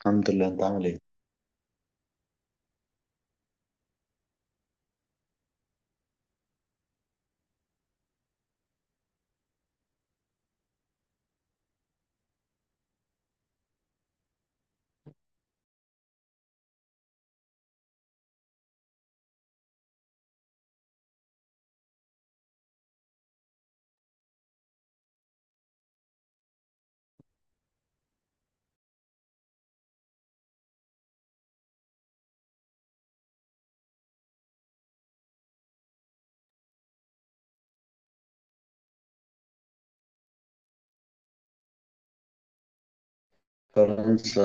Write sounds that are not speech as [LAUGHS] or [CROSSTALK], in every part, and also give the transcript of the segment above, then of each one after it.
الحمد لله، انت عامل ايه؟ فرنسا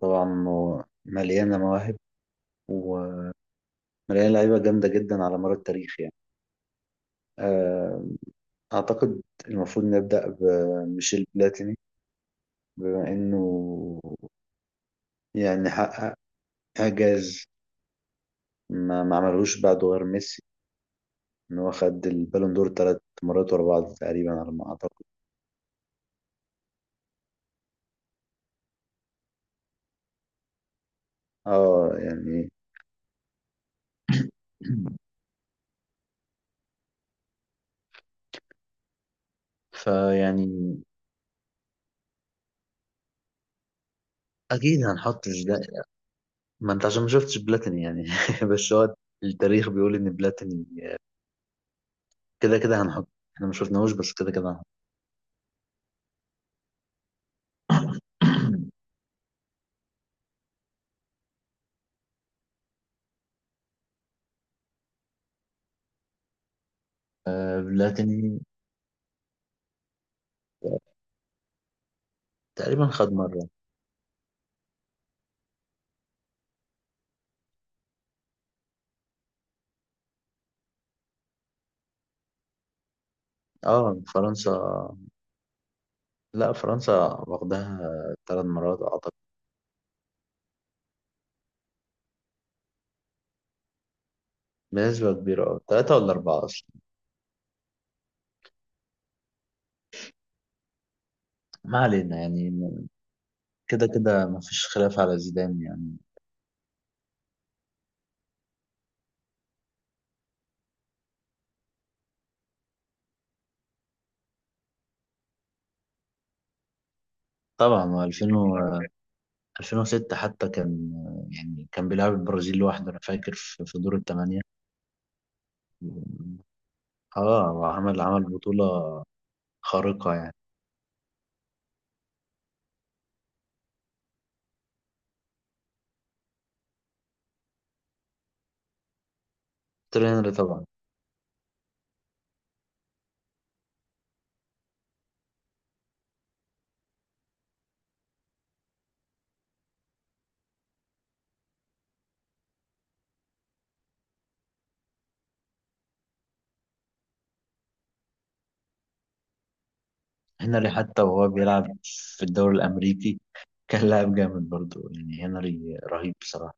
طبعا مليانه مواهب، ومليانه لعيبه جامده جدا على مر التاريخ يعني. آه، اعتقد المفروض نبدا بميشيل بلاتيني، بما انه يعني حقق اعجاز ما عملهوش بعده غير ميسي، ان هو خد البالون دور 3 مرات ورا بعض تقريبا على ما اعتقد. اه، يعني [CLEARS THROAT] فيعني اكيد هنحط. ما انت عشان ما شفتش بلاتيني يعني [LAUGHS] بس هو التاريخ بيقول ان بلاتيني كده كده هنحط، احنا ما شفناهوش بس كده كده هنحط. [CLEARS THROAT] بلاتيني تقريبا خد مرة. اه فرنسا، لا فرنسا واخدها 3 مرات اعتقد، بنسبة كبيرة، اه، ثلاثة ولا أربعة أصلا. ما علينا يعني، كده كده ما فيش خلاف على زيدان يعني. طبعا هو 2000 و 2006 حتى كان، يعني كان بيلعب البرازيل لوحده. أنا فاكر في دور الثمانية. اه، هو عمل بطولة خارقة يعني. تيري هنري طبعا. هنري حتى وهو بيلعب في الدوري الأمريكي كان لاعب جامد برضه، يعني هنري رهيب بصراحة.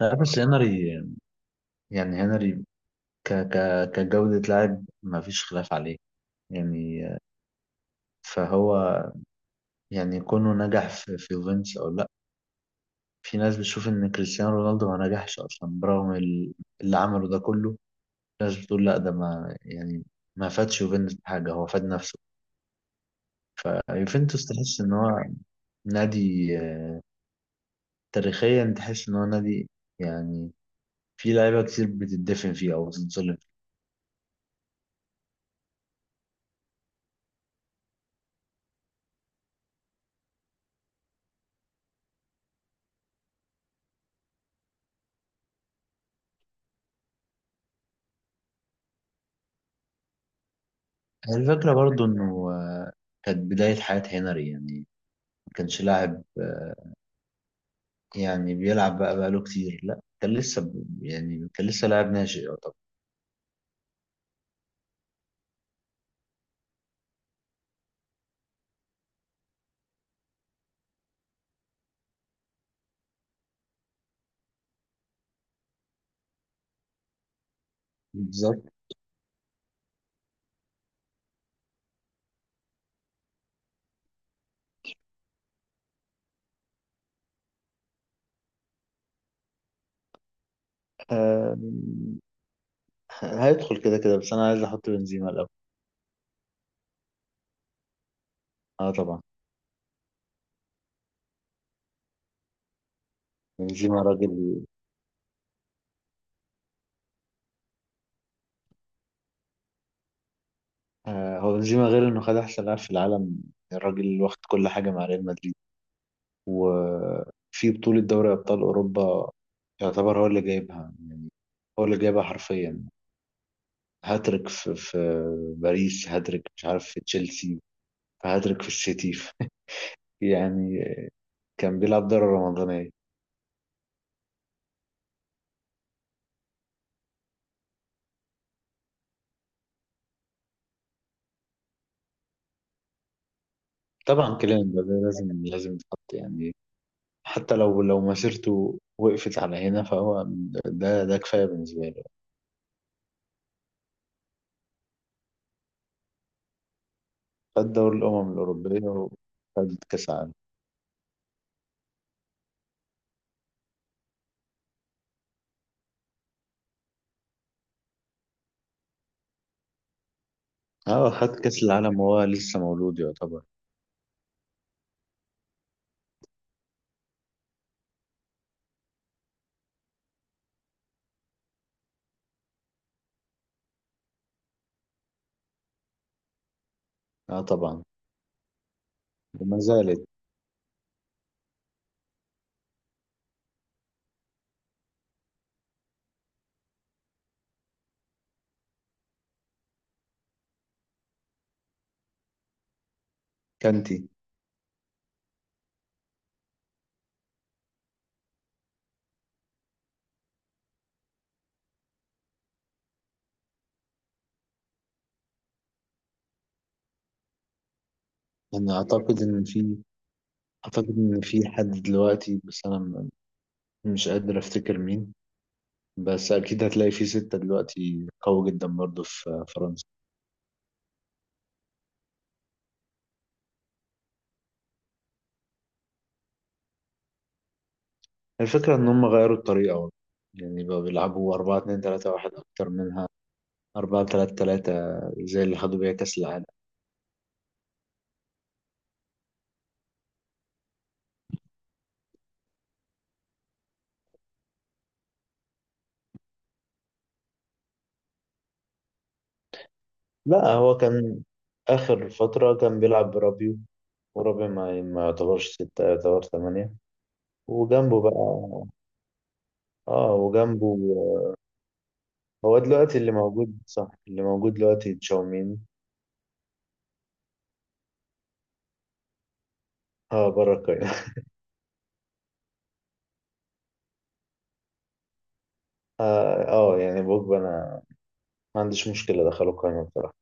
لا بس هنري، يعني هنري ك ك كجودة لاعب ما فيش خلاف عليه يعني. فهو يعني كونه نجح في يوفنتوس أو لأ، في ناس بتشوف إن كريستيانو رونالدو ما نجحش أصلا برغم اللي عمله ده كله. ناس بتقول لأ، ده ما يعني ما فادش يوفنتوس بحاجة، هو فاد نفسه. فيوفنتوس تحس ان هو نادي، تاريخيا تحس ان هو نادي، يعني في لعيبه كتير بتدفن فيه او بتتظلم فيه. هي الفكره برضو انه، كانت بدايه حياه هنري، يعني ما كانش لاعب، يعني بيلعب بقى بقاله كتير، لا كان لسه يعني كان لسه لاعب ناشئ يعتبر. بالظبط. آه، هيدخل كده كده، بس انا عايز احط بنزيما الاول. اه طبعا، بنزيما راجل. هو بنزيما غير انه خد احسن لاعب في العالم، الراجل واخد كل حاجه مع ريال مدريد. وفي بطولة دوري أبطال أوروبا يعتبر هو اللي جايبها يعني، هو اللي جايبها حرفيا. هاتريك في باريس، هاتريك مش عارف في تشيلسي، هاتريك في السيتي [LAUGHS] يعني كان بيلعب دورة رمضانية. طبعا كيليان مبابي لازم لازم يتحط يعني، حتى لو مسيرته وقفت على هنا فهو، ده كفاية بالنسبة له. خد دوري الأمم الأوروبية وخد كأس العالم. اه خد كأس العالم وهو لسه مولود يعتبر. اه طبعا، وما زالت. كانتي. يعني اعتقد ان في حد دلوقتي، بس انا مش قادر افتكر مين، بس اكيد هتلاقي في ستة دلوقتي قوي جدا برضو في فرنسا. الفكرة ان هم غيروا الطريقة والله. يعني بقوا بيلعبوا 4-2-3-1 اكتر منها، 4-3-3 زي اللي خدوا بيها كأس العالم. لا هو كان اخر فترة كان بيلعب برابيو، ورابيو ما يعتبرش ستة، يعتبر ثمانية، وجنبه بقى. اه، وجنبه. هو دلوقتي اللي موجود، صح، اللي موجود دلوقتي تشاومين. اه، بره القايمة. اه، يعني بوجبا انا ما عنديش مشكلة ادخله القايمة بصراحة.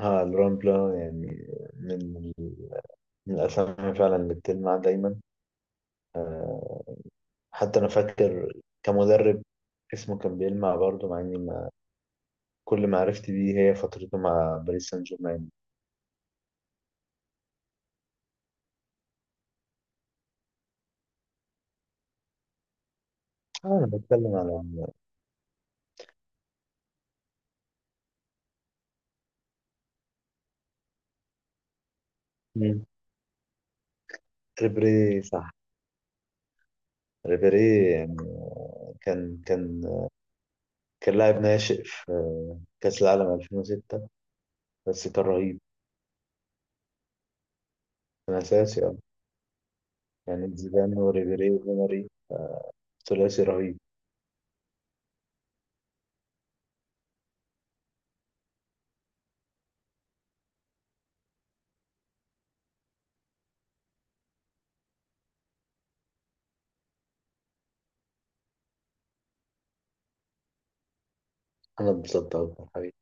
اه الرامبلا يعني، من من الاسامي فعلا اللي بتلمع دايما. آه، حتى انا فاكر كمدرب اسمه كان بيلمع برضه، مع اني ما كل ما عرفت بيه هي فترته مع باريس سان جيرمان. آه، انا بتكلم على. مم. ريبيري صح. ريبيري يعني كان كان كان لاعب ناشئ في كأس العالم 2006 بس كان رهيب. كان أساسي، يعني زيدان وريبيري وماري، ثلاثي رهيب. أنا اتبسطت أوي.